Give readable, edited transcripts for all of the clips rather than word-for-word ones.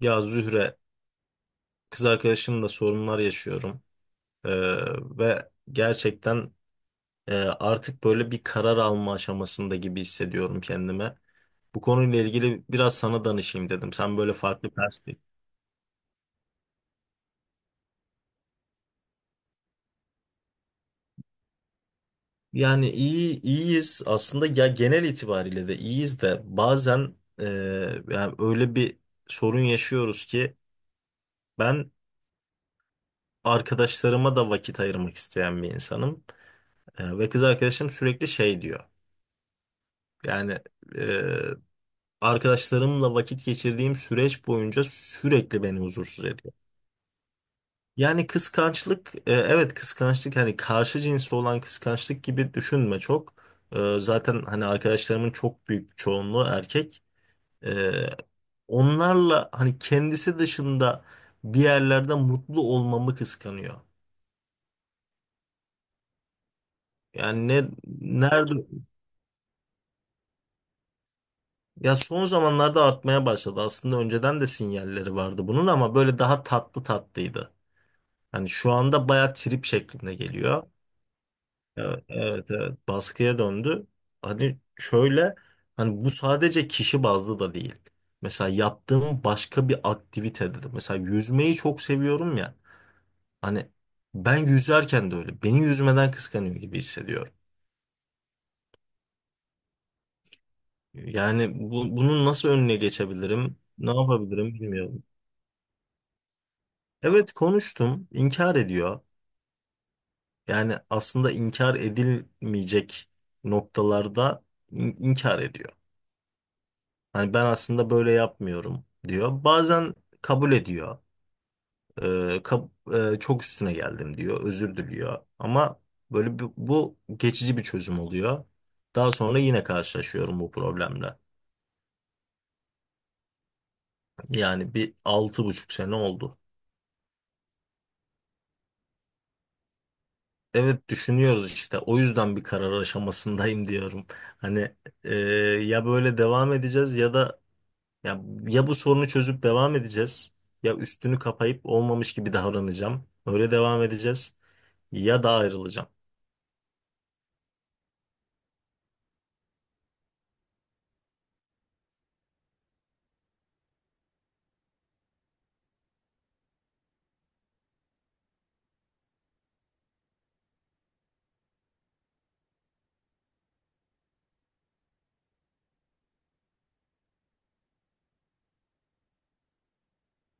Ya Zühre, kız arkadaşımla sorunlar yaşıyorum. Ee, Ve gerçekten artık böyle bir karar alma aşamasında gibi hissediyorum kendime. Bu konuyla ilgili biraz sana danışayım dedim. Sen böyle farklı perspektif. Yani iyiyiz aslında, ya genel itibariyle de iyiyiz de bazen e, yani öyle bir sorun yaşıyoruz ki ben arkadaşlarıma da vakit ayırmak isteyen bir insanım. Ve kız arkadaşım sürekli şey diyor. Yani arkadaşlarımla vakit geçirdiğim süreç boyunca sürekli beni huzursuz ediyor. Yani kıskançlık, evet kıskançlık, hani karşı cinsli olan kıskançlık gibi düşünme çok. Zaten hani arkadaşlarımın çok büyük çoğunluğu erkek. E, Onlarla hani kendisi dışında bir yerlerde mutlu olmamı kıskanıyor. Yani ne nerede, ya son zamanlarda artmaya başladı. Aslında önceden de sinyalleri vardı bunun ama böyle daha tatlı tatlıydı. Hani şu anda bayağı trip şeklinde geliyor. Evet, evet, evet. Baskıya döndü. Hani şöyle, hani bu sadece kişi bazlı da değil. Mesela yaptığım başka bir aktivite dedim. Mesela yüzmeyi çok seviyorum ya. Hani ben yüzerken de öyle. Beni yüzmeden kıskanıyor gibi hissediyorum. Yani bunun nasıl önüne geçebilirim? Ne yapabilirim bilmiyorum. Evet konuştum. İnkar ediyor. Yani aslında inkar edilmeyecek noktalarda inkar ediyor. Hani ben aslında böyle yapmıyorum diyor. Bazen kabul ediyor. Ee, kab- Çok üstüne geldim diyor. Özür diliyor. Ama böyle bu geçici bir çözüm oluyor. Daha sonra yine karşılaşıyorum bu problemle. Yani bir 6,5 sene oldu. Evet düşünüyoruz işte. O yüzden bir karar aşamasındayım diyorum. Hani e, ya böyle devam edeceğiz ya da Ya, ya bu sorunu çözüp devam edeceğiz. Ya üstünü kapayıp olmamış gibi davranacağım, öyle devam edeceğiz. Ya da ayrılacağım.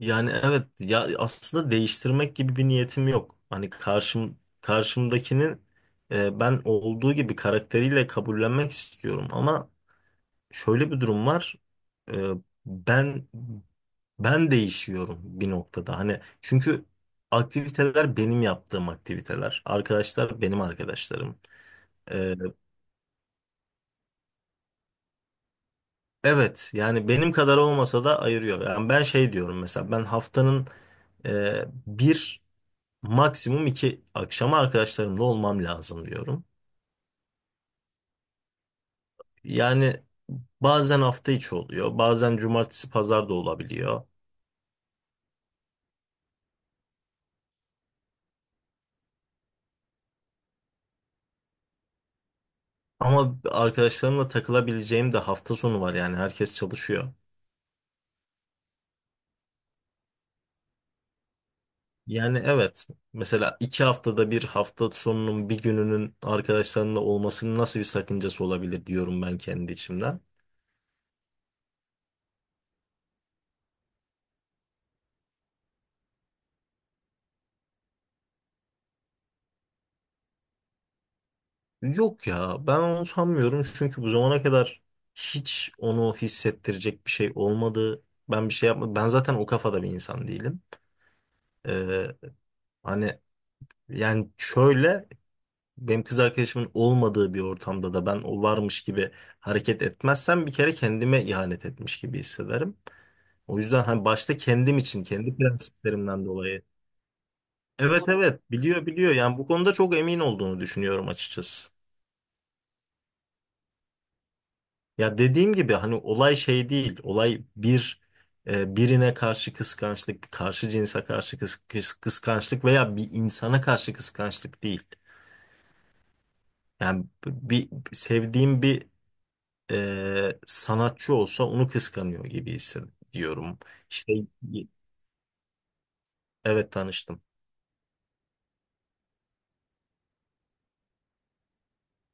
Yani evet, ya aslında değiştirmek gibi bir niyetim yok. Hani karşımdakinin ben olduğu gibi karakteriyle kabullenmek istiyorum ama şöyle bir durum var. E, Ben değişiyorum bir noktada. Hani çünkü aktiviteler benim yaptığım aktiviteler. Arkadaşlar benim arkadaşlarım. E, Evet yani benim kadar olmasa da ayırıyor. Yani ben şey diyorum, mesela ben haftanın bir, maksimum iki akşamı arkadaşlarımla olmam lazım diyorum. Yani bazen hafta içi oluyor, bazen cumartesi pazar da olabiliyor. Ama arkadaşlarımla takılabileceğim de hafta sonu var yani, herkes çalışıyor. Yani evet, mesela 2 haftada 1 hafta sonunun bir gününün arkadaşlarımla olmasının nasıl bir sakıncası olabilir diyorum ben kendi içimden. Yok ya, ben onu sanmıyorum çünkü bu zamana kadar hiç onu hissettirecek bir şey olmadı. Ben bir şey yapmadım. Ben zaten o kafada bir insan değilim. Ee, Hani yani şöyle, benim kız arkadaşımın olmadığı bir ortamda da ben o varmış gibi hareket etmezsem bir kere kendime ihanet etmiş gibi hissederim. O yüzden hani başta kendim için, kendi prensiplerimden dolayı. Evet evet, biliyor yani, bu konuda çok emin olduğunu düşünüyorum açıkçası. Ya dediğim gibi hani olay şey değil. Olay bir birine karşı kıskançlık, bir karşı cinse karşı kıskançlık veya bir insana karşı kıskançlık değil. Yani bir sevdiğim bir sanatçı olsa onu kıskanıyor gibi hissediyorum. İşte evet, tanıştım.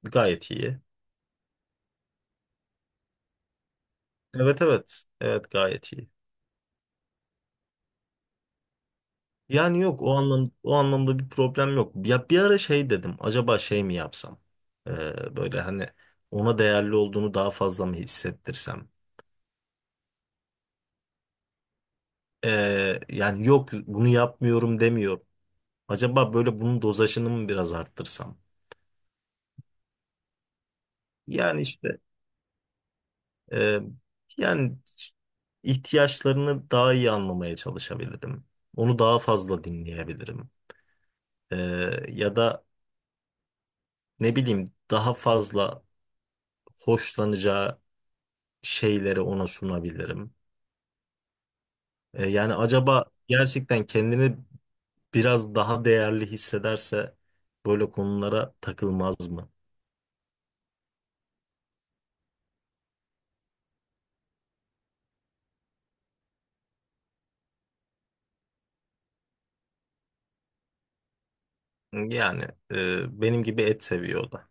Gayet iyi. Evet evet. Evet gayet iyi. Yani yok, o anlamda bir problem yok. Ya bir ara şey dedim. Acaba şey mi yapsam? Böyle hani ona değerli olduğunu daha fazla mı hissettirsem? Yani yok, bunu yapmıyorum demiyorum. Acaba böyle bunun dozajını mı biraz arttırsam? Yani işte e, yani ihtiyaçlarını daha iyi anlamaya çalışabilirim. Onu daha fazla dinleyebilirim. Ee, Ya da ne bileyim, daha fazla hoşlanacağı şeyleri ona sunabilirim? Yani acaba gerçekten kendini biraz daha değerli hissederse böyle konulara takılmaz mı? Yani benim gibi et seviyor o da.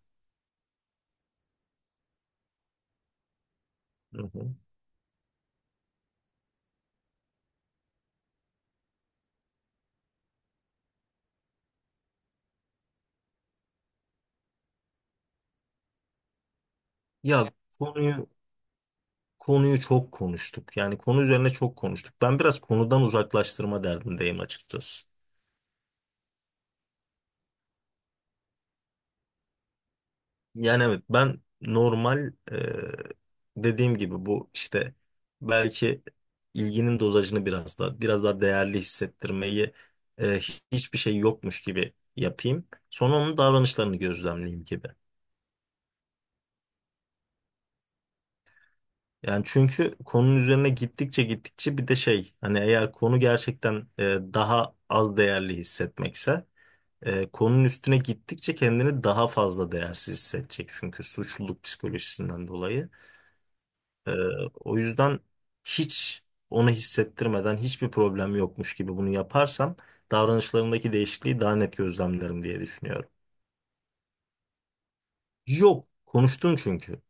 Hı hı. Ya konuyu konuyu çok konuştuk. Yani konu üzerine çok konuştuk. Ben biraz konudan uzaklaştırma derdindeyim açıkçası. Yani evet, ben normal dediğim gibi bu işte belki ilginin dozajını biraz daha değerli hissettirmeyi e, hiçbir şey yokmuş gibi yapayım. Sonra onun davranışlarını gözlemleyeyim gibi. Yani çünkü konunun üzerine gittikçe gittikçe bir de şey, hani eğer konu gerçekten daha az değerli hissetmekse konunun üstüne gittikçe kendini daha fazla değersiz hissedecek. Çünkü suçluluk psikolojisinden dolayı. Ee, O yüzden hiç onu hissettirmeden, hiçbir problem yokmuş gibi bunu yaparsam davranışlarındaki değişikliği daha net gözlemlerim diye düşünüyorum. Yok, konuştum çünkü.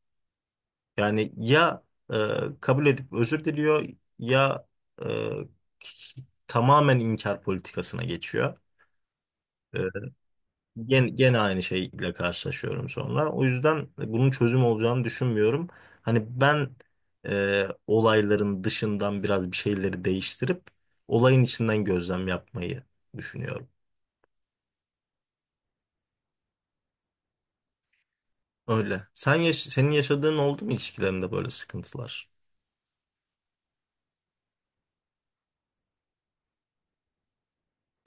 Yani ya e, kabul edip özür diliyor ya e, tamamen inkar politikasına geçiyor. E, gene aynı şeyle karşılaşıyorum sonra. O yüzden bunun çözüm olacağını düşünmüyorum. Hani ben olayların dışından biraz bir şeyleri değiştirip olayın içinden gözlem yapmayı düşünüyorum. Öyle. Senin yaşadığın oldu mu ilişkilerinde, böyle sıkıntılar?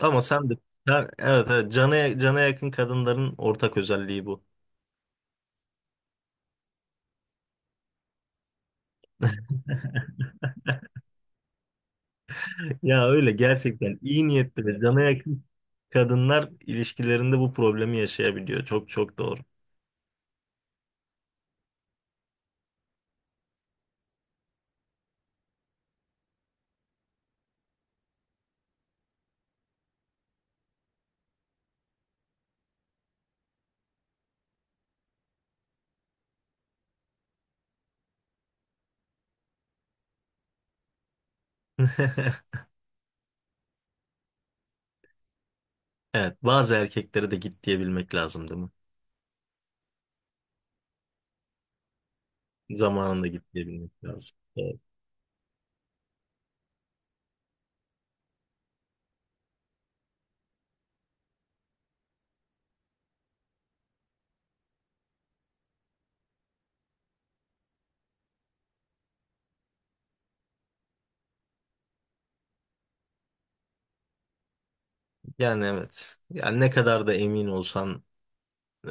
Ama sen de Ha, evet, evet, cana, cana yakın kadınların ortak özelliği bu. Ya öyle, gerçekten iyi niyetli ve cana yakın kadınlar ilişkilerinde bu problemi yaşayabiliyor. Çok çok doğru. Evet, bazı erkeklere de git diyebilmek lazım değil mi? Zamanında git diyebilmek lazım. Evet. Yani evet. Yani ne kadar da emin olsan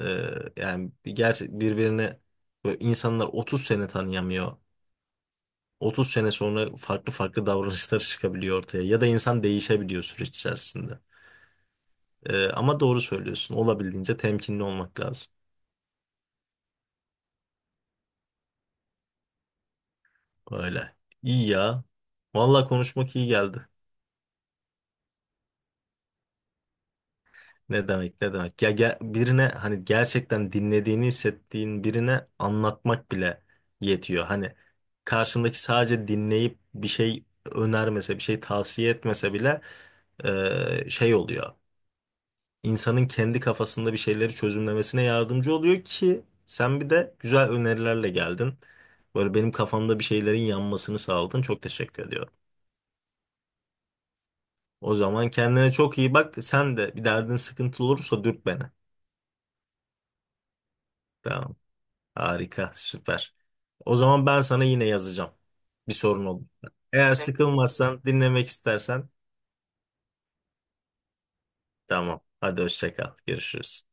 e, yani bir gerçek birbirine böyle, insanlar 30 sene tanıyamıyor. 30 sene sonra farklı farklı davranışlar çıkabiliyor ortaya ya da insan değişebiliyor süreç içerisinde. Ama doğru söylüyorsun. Olabildiğince temkinli olmak lazım. Öyle. İyi ya. Vallahi konuşmak iyi geldi. Ne demek, ne demek? Ya, birine hani gerçekten dinlediğini hissettiğin birine anlatmak bile yetiyor. Hani karşındaki sadece dinleyip bir şey önermese, bir şey tavsiye etmese bile şey oluyor. İnsanın kendi kafasında bir şeyleri çözümlemesine yardımcı oluyor ki sen bir de güzel önerilerle geldin. Böyle benim kafamda bir şeylerin yanmasını sağladın. Çok teşekkür ediyorum. O zaman kendine çok iyi bak. Sen de bir derdin, sıkıntı olursa dürt beni. Tamam. Harika, süper. O zaman ben sana yine yazacağım. Bir sorun oldu. Eğer sıkılmazsan, dinlemek istersen tamam. Hadi hoşça kal. Görüşürüz.